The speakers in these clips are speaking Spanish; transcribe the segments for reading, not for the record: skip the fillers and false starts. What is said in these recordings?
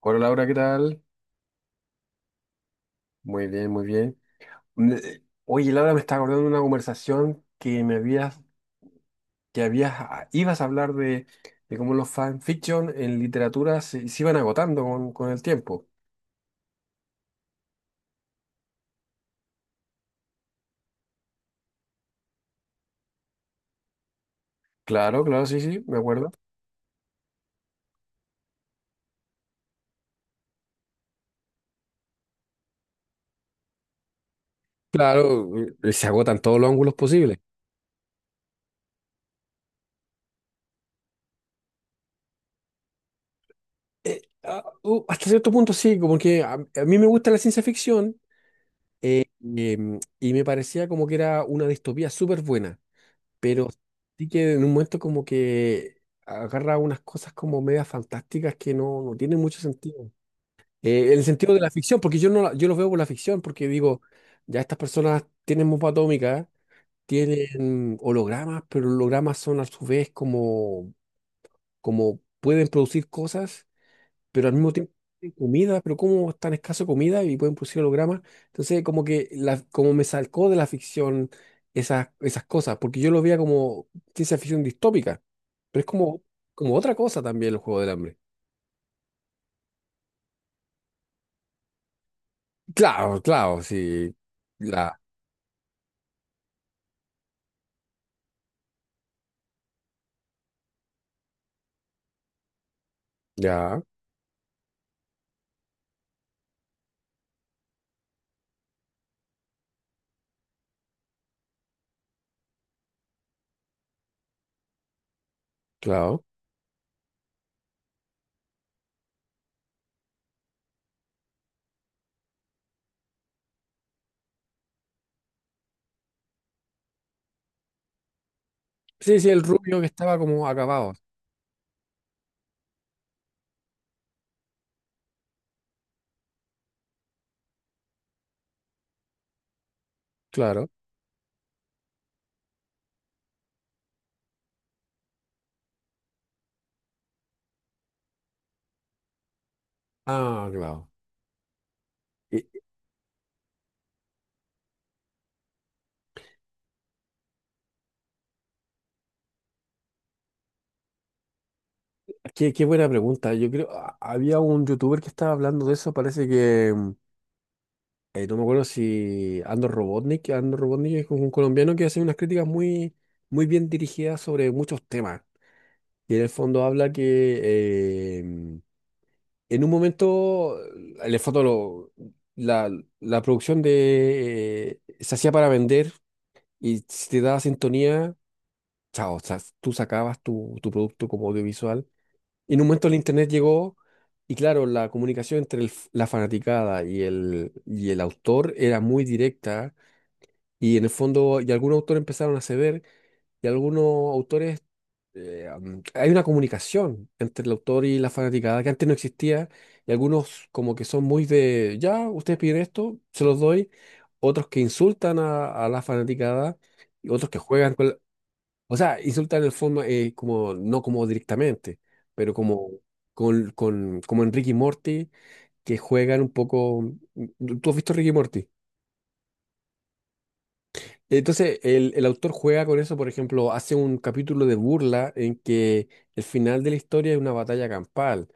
Hola Laura, ¿qué tal? Muy bien, muy bien. Me- Oye, Laura, me está acordando de una conversación que habías, ibas a hablar de cómo los fanfiction en literatura se iban agotando con el tiempo. Claro, claro, sí, sí, me acuerdo. Claro, se agotan todos los ángulos posibles. Hasta cierto punto sí, como que a mí me gusta la ciencia ficción eh, y me parecía como que era una distopía súper buena. Pero sí que en un momento como que agarra unas cosas como medias fantásticas que no tienen mucho sentido. En el sentido de la ficción, porque yo no la- yo los veo por la ficción, porque digo, ya estas personas tienen bomba atómica, tienen hologramas, pero hologramas son a su vez como pueden producir cosas pero al mismo tiempo tienen comida, pero cómo es tan escaso comida y pueden producir hologramas. Entonces, como que como me salcó de la ficción esas cosas, porque yo lo veía como ciencia ficción distópica, pero es como otra cosa también el Juego del Hambre. Claro, claro, sí. La, ya, claro. Sí, sí, el rubio que estaba como acabado, claro. Ah, claro. Y- qué buena pregunta. Yo creo, había un youtuber que estaba hablando de eso, parece que. No me acuerdo si Andor Robotnik es un colombiano que hace unas críticas muy, muy bien dirigidas sobre muchos temas. Y en el fondo habla que en un momento, en el fondo la, la producción se hacía para vender y si te daba sintonía, chao, o sea, tú sacabas tu producto como audiovisual. Y en un momento el internet llegó y claro, la comunicación entre la fanaticada y y el autor era muy directa. Y en el fondo, y algunos autores empezaron a ceder, y algunos autores, hay una comunicación entre el autor y la fanaticada que antes no existía, y algunos como que son muy de, ya, ustedes piden esto, se los doy, otros que insultan a la fanaticada, y otros que juegan o sea, insultan en forma, como, no como directamente, pero como en Ricky Morty, que juegan un poco, ¿tú has visto Ricky Morty? Entonces, el autor juega con eso, por ejemplo, hace un capítulo de burla en que el final de la historia es una batalla campal,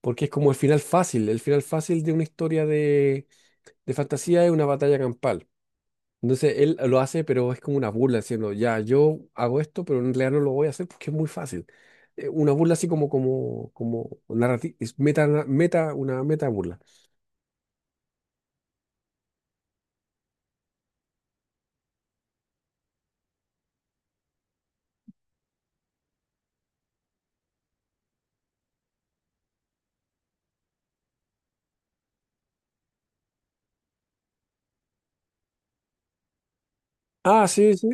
porque es como el final fácil de una historia de fantasía es una batalla campal. Entonces, él lo hace, pero es como una burla, diciendo, ya, yo hago esto, pero en realidad no lo voy a hacer porque es muy fácil. Una burla así como narrativa, una meta burla. Ah, sí, sí.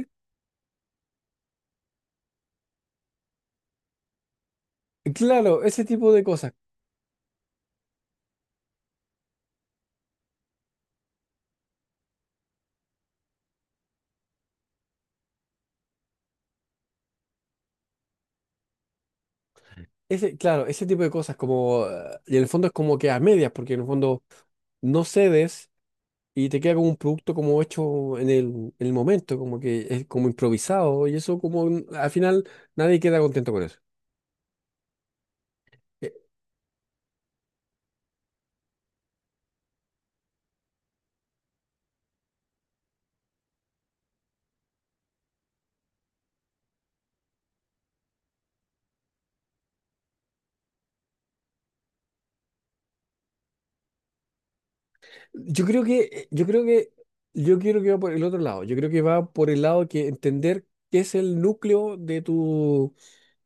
Claro, ese tipo de cosas. Claro, ese tipo de cosas y en el fondo es como que a medias, porque en el fondo no cedes y te queda como un producto como hecho en el momento, como que es como improvisado y eso al final nadie queda contento con eso. Eh, Yo creo que, eh, yo creo que, yo quiero que va por el otro lado, yo creo que va por el lado que entender qué es el núcleo de tu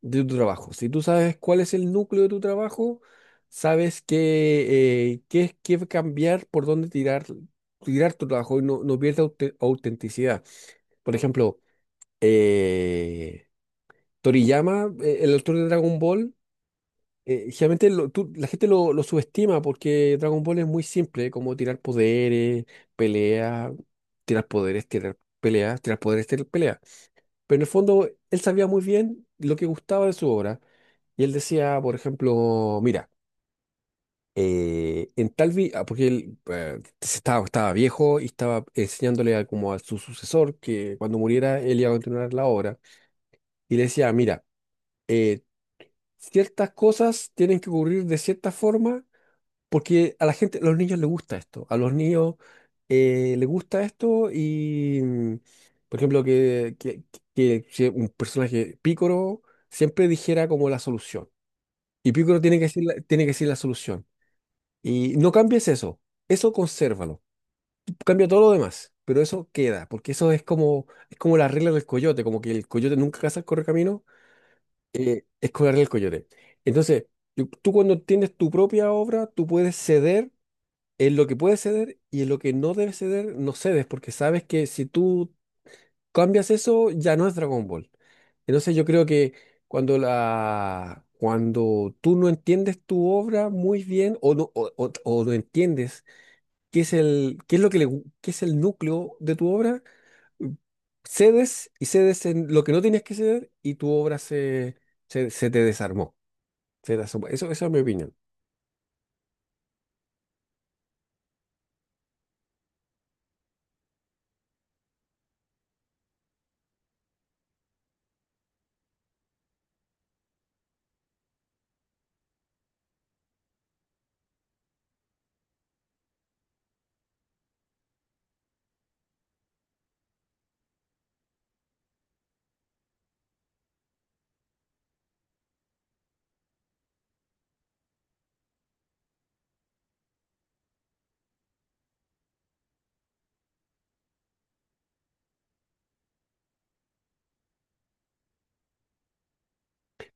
de tu trabajo. Si tú sabes cuál es el núcleo de tu trabajo, sabes qué cambiar, por dónde tirar, tu trabajo y no pierdas autenticidad. Por ejemplo, eh, Toriyama, el autor de Dragon Ball, generalmente la gente lo subestima porque Dragon Ball es muy simple, como tirar poderes, peleas, tirar poderes, tirar peleas, tirar poderes, tirar peleas. Pero en el fondo, él sabía muy bien lo que gustaba de su obra. Y él decía, por ejemplo, mira, en tal vi- ah, porque él estaba viejo y estaba enseñándole como a su sucesor que cuando muriera él iba a continuar la obra. Y le decía, mira, eh, ciertas cosas tienen que ocurrir de cierta forma. Porque a la gente, a los niños les gusta esto, a los niños les gusta esto y, por ejemplo, que si un personaje, Pícoro, siempre dijera como la solución. Y Pícoro tiene que decir la solución. Y no cambies eso, eso consérvalo. Cambia todo lo demás, pero eso queda, porque eso es como la regla del coyote, como que el coyote nunca caza el correcamino, es con la regla del coyote. Entonces, tú cuando tienes tu propia obra, tú puedes ceder en lo que puedes ceder y en lo que no debes ceder, no cedes, porque sabes que si tú cambias eso, ya no es Dragon Ball. Entonces yo creo que cuando tú no entiendes tu obra muy bien o no entiendes qué es lo que le gu- qué es el núcleo de tu obra, cedes y cedes en lo que no tienes que ceder y tu obra se te desarmó. Se desarmó. Eso es mi opinión.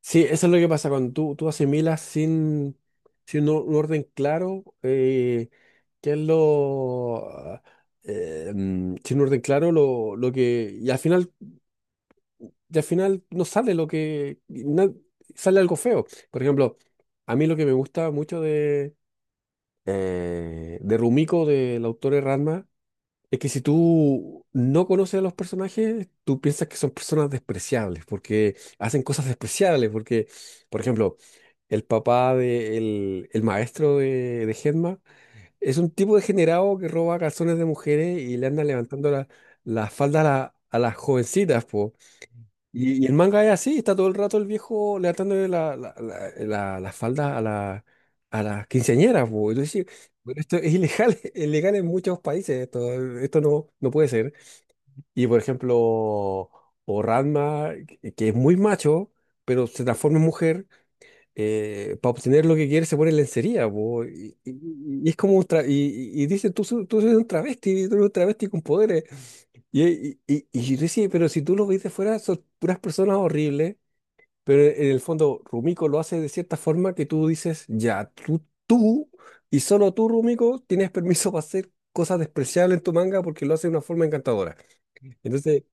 Sí, eso es lo que pasa cuando tú asimilas sin un orden claro, qué es lo ah, mm, sin un orden claro lo que y al final no sale sale algo feo. Por ejemplo, a mí lo que me gusta mucho de Rumiko, del autor de Ranma, es que si tú no conoces a los personajes, tú piensas que son personas despreciables, porque hacen cosas despreciables, porque, por ejemplo, el papá de el maestro de Genma es un tipo degenerado que roba calzones de mujeres y le anda levantando la, falda a las jovencitas, po. Y el manga es así, está todo el rato el viejo levantándole la falda a las quinceañeras, po. Y tú decís, pero esto es ilegal, es ilegal en muchos países, esto no puede ser. Y por ejemplo, o Ranma, que es muy macho, pero se transforma en mujer, para obtener lo que quiere se pone lencería, po. Y es como y dicen, tú eres un travesti, tú eres un travesti con poderes. Y yo decía, pero si tú lo ves de fuera, son puras personas horribles. Pero en el fondo, Rumiko lo hace de cierta forma que tú dices, ya, tú y solo tú, Rumiko, tienes permiso para hacer cosas despreciables en tu manga porque lo hace de una forma encantadora. Entonces,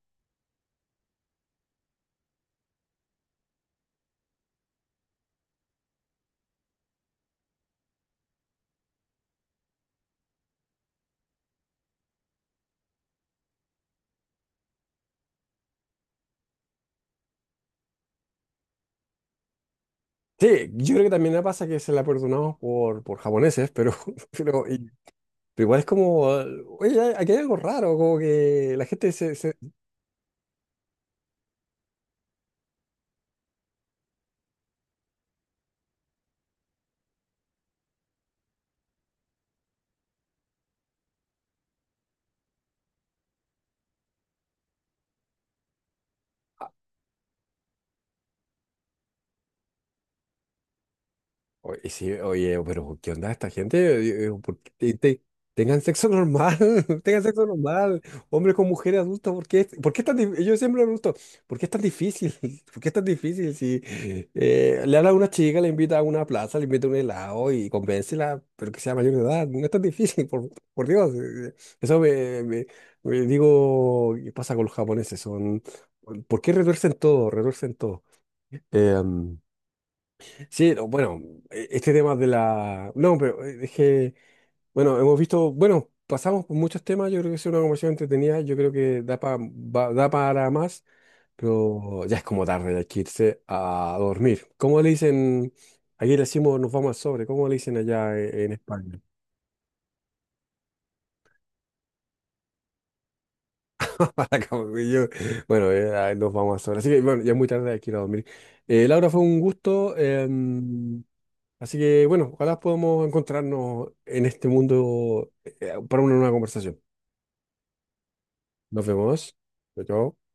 sí, yo creo que también me pasa que se la perdonamos por japoneses, pero, pero, y- pero igual es como, oye, aquí hay algo raro, como que la gente. Oye, sí, oye, pero ¿qué onda esta gente? ¿Por qué tengan sexo normal, tengan sexo normal, hombres con mujeres adultas? ¿Por qué es tan difícil? Yo siempre me pregunto, ¿por qué es tan difícil? ¿Por qué es tan difícil si le habla a una chica, le invita a una plaza, le invita a un helado y convéncela, pero que sea mayor de edad? No es tan difícil, por Dios. Eso me digo, ¿qué pasa con los japoneses? Son, ¿por qué retuercen todo? Retuercen todo. Em, Sí, no, bueno, este tema No, pero es que, bueno, hemos visto, bueno, pasamos por muchos temas, yo creo que es una conversación entretenida, yo creo que da para más, pero ya es como tarde, hay que irse a dormir. ¿Cómo le dicen? Aquí le decimos nos vamos al sobre, ¿cómo le dicen allá en España? Para Como que yo- Bueno, nos vamos al sobre. Así que, bueno, ya es muy tarde, hay que ir a dormir. Laura, fue un gusto. Así que bueno, ojalá podamos encontrarnos en este mundo para una nueva conversación. Nos vemos. Chao. Chao.